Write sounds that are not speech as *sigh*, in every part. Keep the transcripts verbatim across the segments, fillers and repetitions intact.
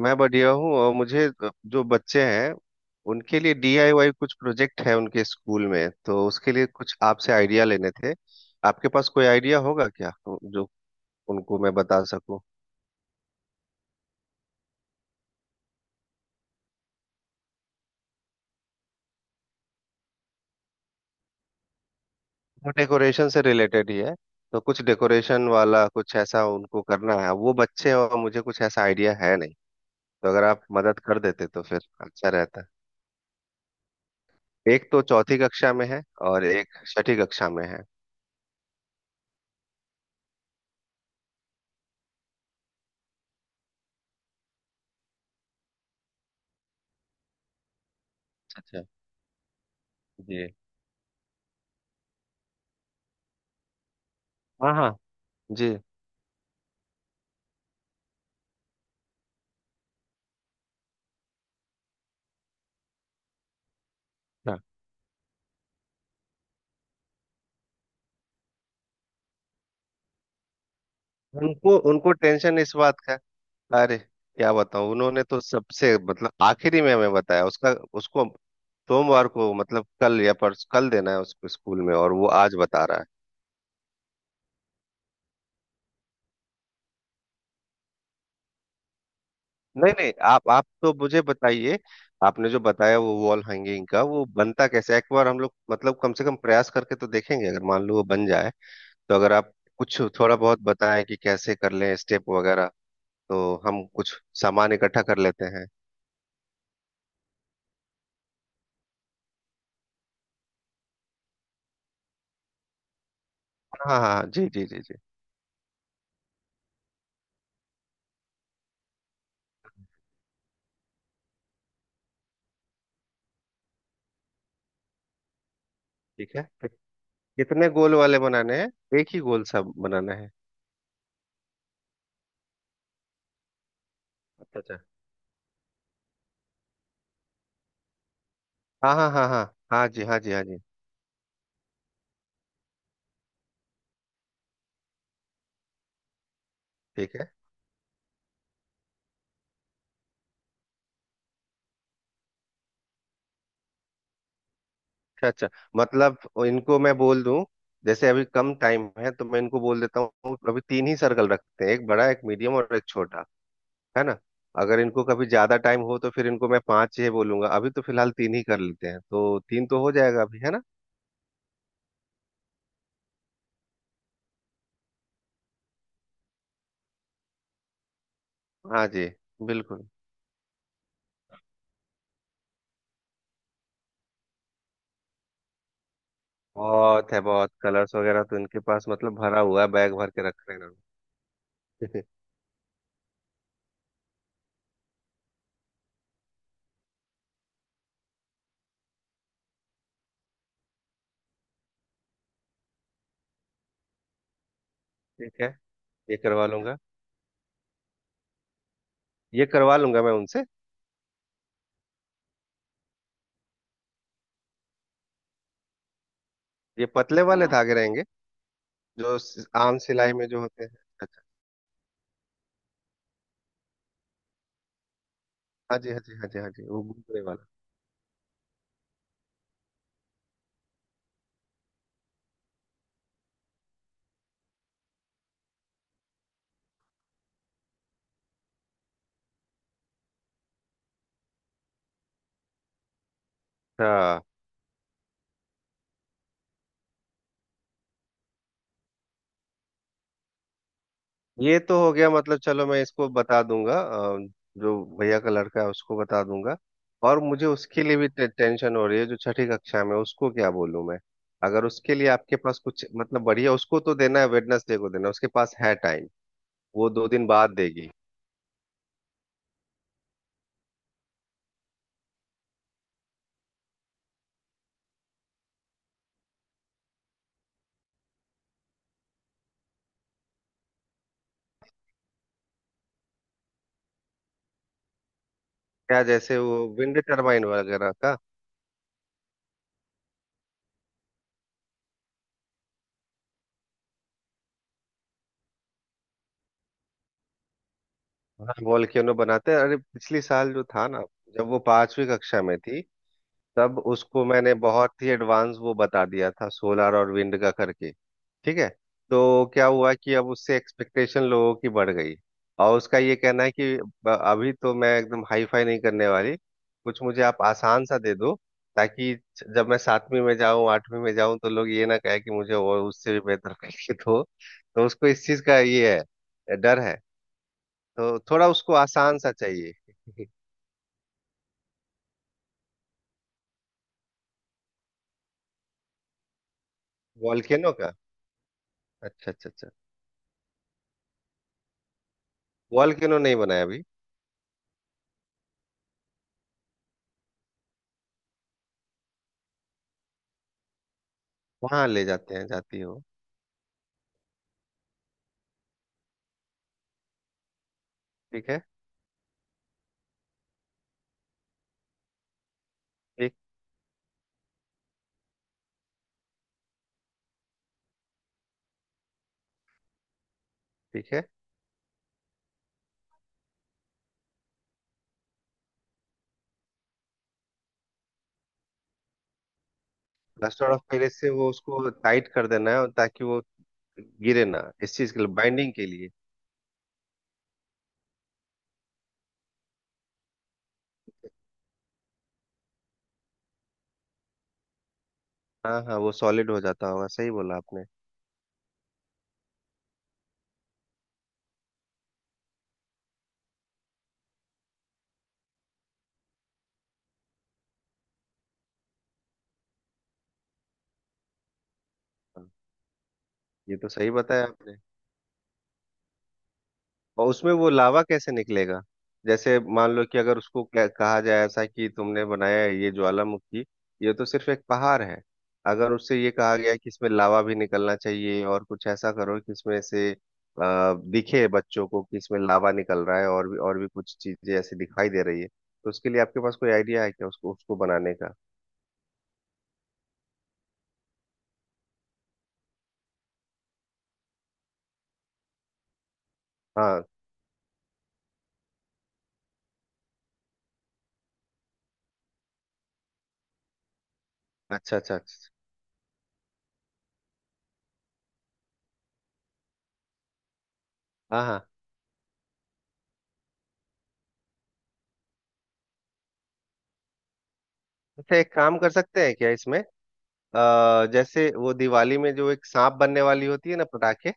मैं बढ़िया हूँ और मुझे जो बच्चे हैं उनके लिए डी आई वाई कुछ प्रोजेक्ट है उनके स्कूल में, तो उसके लिए कुछ आपसे आइडिया लेने थे। आपके पास कोई आइडिया होगा क्या जो उनको मैं बता सकूँ? वो डेकोरेशन से रिलेटेड ही है, तो कुछ डेकोरेशन वाला कुछ ऐसा उनको करना है। वो बच्चे हैं और मुझे कुछ ऐसा आइडिया है नहीं, तो अगर आप मदद कर देते तो फिर अच्छा रहता। एक तो चौथी कक्षा में है और एक छठी कक्षा में है। अच्छा जी। हाँ हाँ जी। उनको उनको टेंशन इस बात का। अरे क्या बताऊं, उन्होंने तो सबसे मतलब आखिरी में हमें बताया उसका। उसको सोमवार को मतलब कल या परस कल देना है उसको स्कूल में, और वो आज बता रहा है। नहीं नहीं, आप आप तो मुझे बताइए, आपने जो बताया वो वॉल हैंगिंग का वो बनता कैसे है? एक बार हम लोग मतलब कम से कम प्रयास करके तो देखेंगे, अगर मान लो वो बन जाए। तो अगर आप कुछ थोड़ा बहुत बताएं कि कैसे कर लें, स्टेप वगैरह, तो हम कुछ सामान इकट्ठा कर लेते हैं। हाँ हाँ हाँ, जी जी जी जी। ठीक है। कितने गोल वाले बनाने हैं, एक ही गोल सा बनाना है? अच्छा अच्छा। हाँ हाँ हाँ हाँ। हाँ जी हाँ जी हाँ जी। ठीक है। अच्छा अच्छा। मतलब इनको मैं बोल दूं, जैसे अभी कम टाइम है तो मैं इनको बोल देता हूँ अभी तीन ही सर्कल रखते हैं, एक बड़ा एक मीडियम और एक छोटा, है ना। अगर इनको कभी ज्यादा टाइम हो तो फिर इनको मैं पांच ही बोलूंगा, अभी तो फिलहाल तीन ही कर लेते हैं, तो तीन तो हो जाएगा अभी, है ना। हाँ जी। बिल्कुल। बहुत है, बहुत कलर्स वगैरह तो इनके पास मतलब भरा हुआ है, बैग भर के रख रहे हैं इन्होंने। *laughs* ठीक है, ये करवा लूंगा। ये करवा लूंगा मैं उनसे। ये पतले वाले हाँ धागे रहेंगे, जो स- आम सिलाई में जो होते हैं। अच्छा। हाँ जी हाँ जी हाँ जी हाँ जी, वो घूमने वाला। अच्छा, ये तो हो गया, मतलब चलो मैं इसको बता दूंगा। अ, जो भैया का लड़का है उसको बता दूंगा। और मुझे उसके लिए भी टे, टेंशन हो रही है, जो छठी कक्षा में है, उसको क्या बोलूं मैं? अगर उसके लिए आपके पास कुछ मतलब बढ़िया, उसको तो देना है वेडनेसडे को देना है, उसके पास है टाइम। वो दो दिन बाद देगी। क्या जैसे वो विंड टर्बाइन वगैरह का? हाँ वॉल्केनो बनाते हैं। अरे पिछली साल जो था ना, जब वो पांचवी कक्षा में थी, तब उसको मैंने बहुत ही एडवांस वो बता दिया था, सोलार और विंड का करके। ठीक है। तो क्या हुआ कि अब उससे एक्सपेक्टेशन लोगों की बढ़ गई, और उसका ये कहना है कि ब- अभी तो मैं एकदम हाई फाई नहीं करने वाली, कुछ मुझे आप आसान सा दे दो, ताकि जब मैं सातवीं में जाऊं आठवीं में जाऊं तो लोग ये ना कहे कि मुझे और उससे भी बेहतर करके दो। तो उसको इस चीज का ये है डर है। तो थोड़ा उसको आसान सा चाहिए। *laughs* वॉल्केनो का? अच्छा अच्छा अच्छा। वॉल्केनो नहीं बनाया अभी। वहां ले जाते हैं, जाती हो। ठीक है। ठीक। ठीक है। प्लास्टर ऑफ पेरिस से वो उसको टाइट कर देना है और, ताकि वो गिरे ना, इस चीज के लिए बाइंडिंग के लिए। हाँ हाँ, वो सॉलिड हो जाता होगा, सही बोला आपने। हाँ, ये तो सही बताया आपने। और उसमें वो लावा कैसे निकलेगा? जैसे मान लो कि अगर उसको कह- कहा जाए ऐसा कि तुमने बनाया है ये ज्वालामुखी, ये तो सिर्फ एक पहाड़ है। अगर उससे ये कहा गया कि इसमें लावा भी निकलना चाहिए, और कुछ ऐसा करो कि इसमें से आ, दिखे बच्चों को कि इसमें लावा निकल रहा है और भी और भी कुछ चीजें ऐसी दिखाई दे रही है, तो उसके लिए आपके पास कोई आइडिया है क्या उसको उसको बनाने का? हाँ। अच्छा अच्छा अच्छा। हाँ हाँ। अच्छा, एक काम कर सकते हैं क्या इसमें? अ, जैसे वो दिवाली में जो एक सांप बनने वाली होती है ना पटाखे,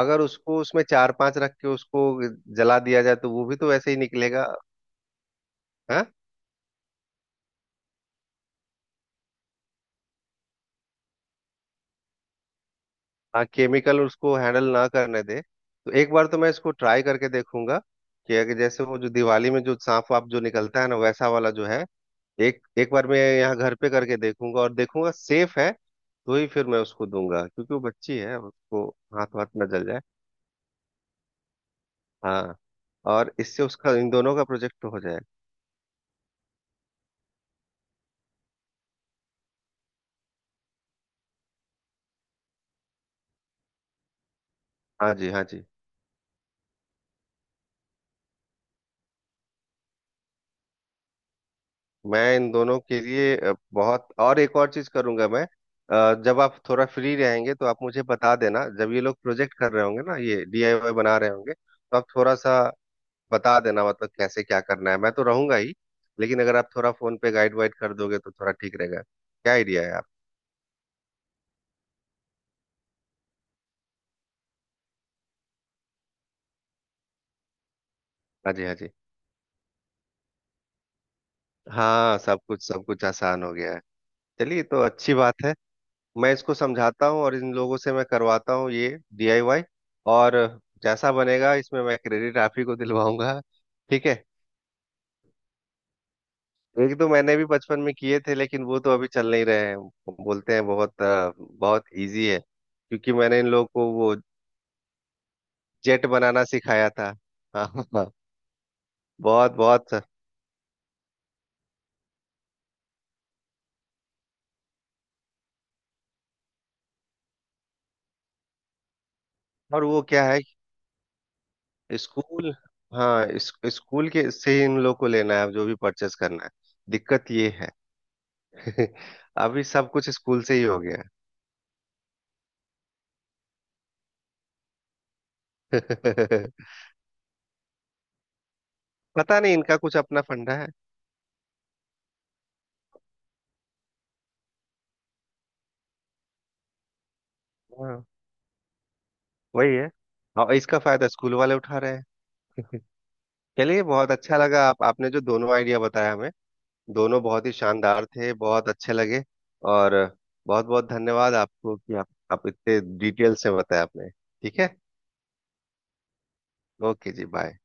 अगर उसको उसमें चार पांच रख के उसको जला दिया जाए, तो वो भी तो वैसे ही निकलेगा। है। हाँ, केमिकल उसको हैंडल ना करने दे, तो एक बार तो मैं इसको ट्राई करके देखूंगा कि अगर जैसे वो जो दिवाली में जो सांप वाप जो निकलता है ना, वैसा वाला जो है। एक एक बार मैं यहाँ घर पे करके देखूंगा और देखूंगा सेफ है, तो ही फिर मैं उसको दूंगा, क्योंकि वो बच्ची है, उसको हाथ वाथ न जल जाए। हाँ। और इससे उसका इन दोनों का प्रोजेक्ट हो जाएगा। हाँ जी हाँ जी। मैं इन दोनों के लिए अ, बहुत और एक और चीज करूंगा मैं। अ, जब आप थोड़ा फ्री रहेंगे तो आप मुझे बता देना, जब ये लोग प्रोजेक्ट कर रहे होंगे ना, ये डी आई वाई बना रहे होंगे, तो आप थोड़ा सा बता देना, मतलब कैसे क्या करना है। मैं तो रहूंगा ही, लेकिन अगर आप थोड़ा फोन पे गाइड वाइड कर दोगे तो थोड़ा ठीक रहेगा, क्या आइडिया है आप? हाँ जी हाँ जी। हाँ, सब कुछ सब कुछ आसान हो गया है। चलिए तो अच्छी बात है। मैं इसको समझाता हूँ और इन लोगों से मैं करवाता हूँ ये डी आई वाई। और जैसा बनेगा, इसमें मैं क्रेडिट आप ही को दिलवाऊंगा। ठीक है। एक तो मैंने भी बचपन में किए थे, लेकिन वो तो अभी चल नहीं रहे हैं। बोलते हैं बहुत अ, बहुत इजी है, क्योंकि मैंने इन लोग को वो जेट बनाना सिखाया था। *laughs* हाँ। बहुत बहुत। और वो क्या है, स्कूल, हाँ इस, स्कूल के से ही इन लोग को लेना है जो भी परचेस करना है, दिक्कत ये है। *laughs* अभी सब कुछ स्कूल से ही हो गया है। *laughs* पता नहीं इनका कुछ अपना फंडा है। हाँ वही है, और इसका फायदा स्कूल वाले उठा रहे हैं। चलिए बहुत अच्छा लगा, आप आपने जो दोनों आइडिया बताया हमें, दोनों बहुत ही शानदार थे, बहुत अच्छे लगे। और बहुत बहुत धन्यवाद आपको कि आप आप इतने डिटेल से बताया आपने। ठीक है। ओके जी बाय।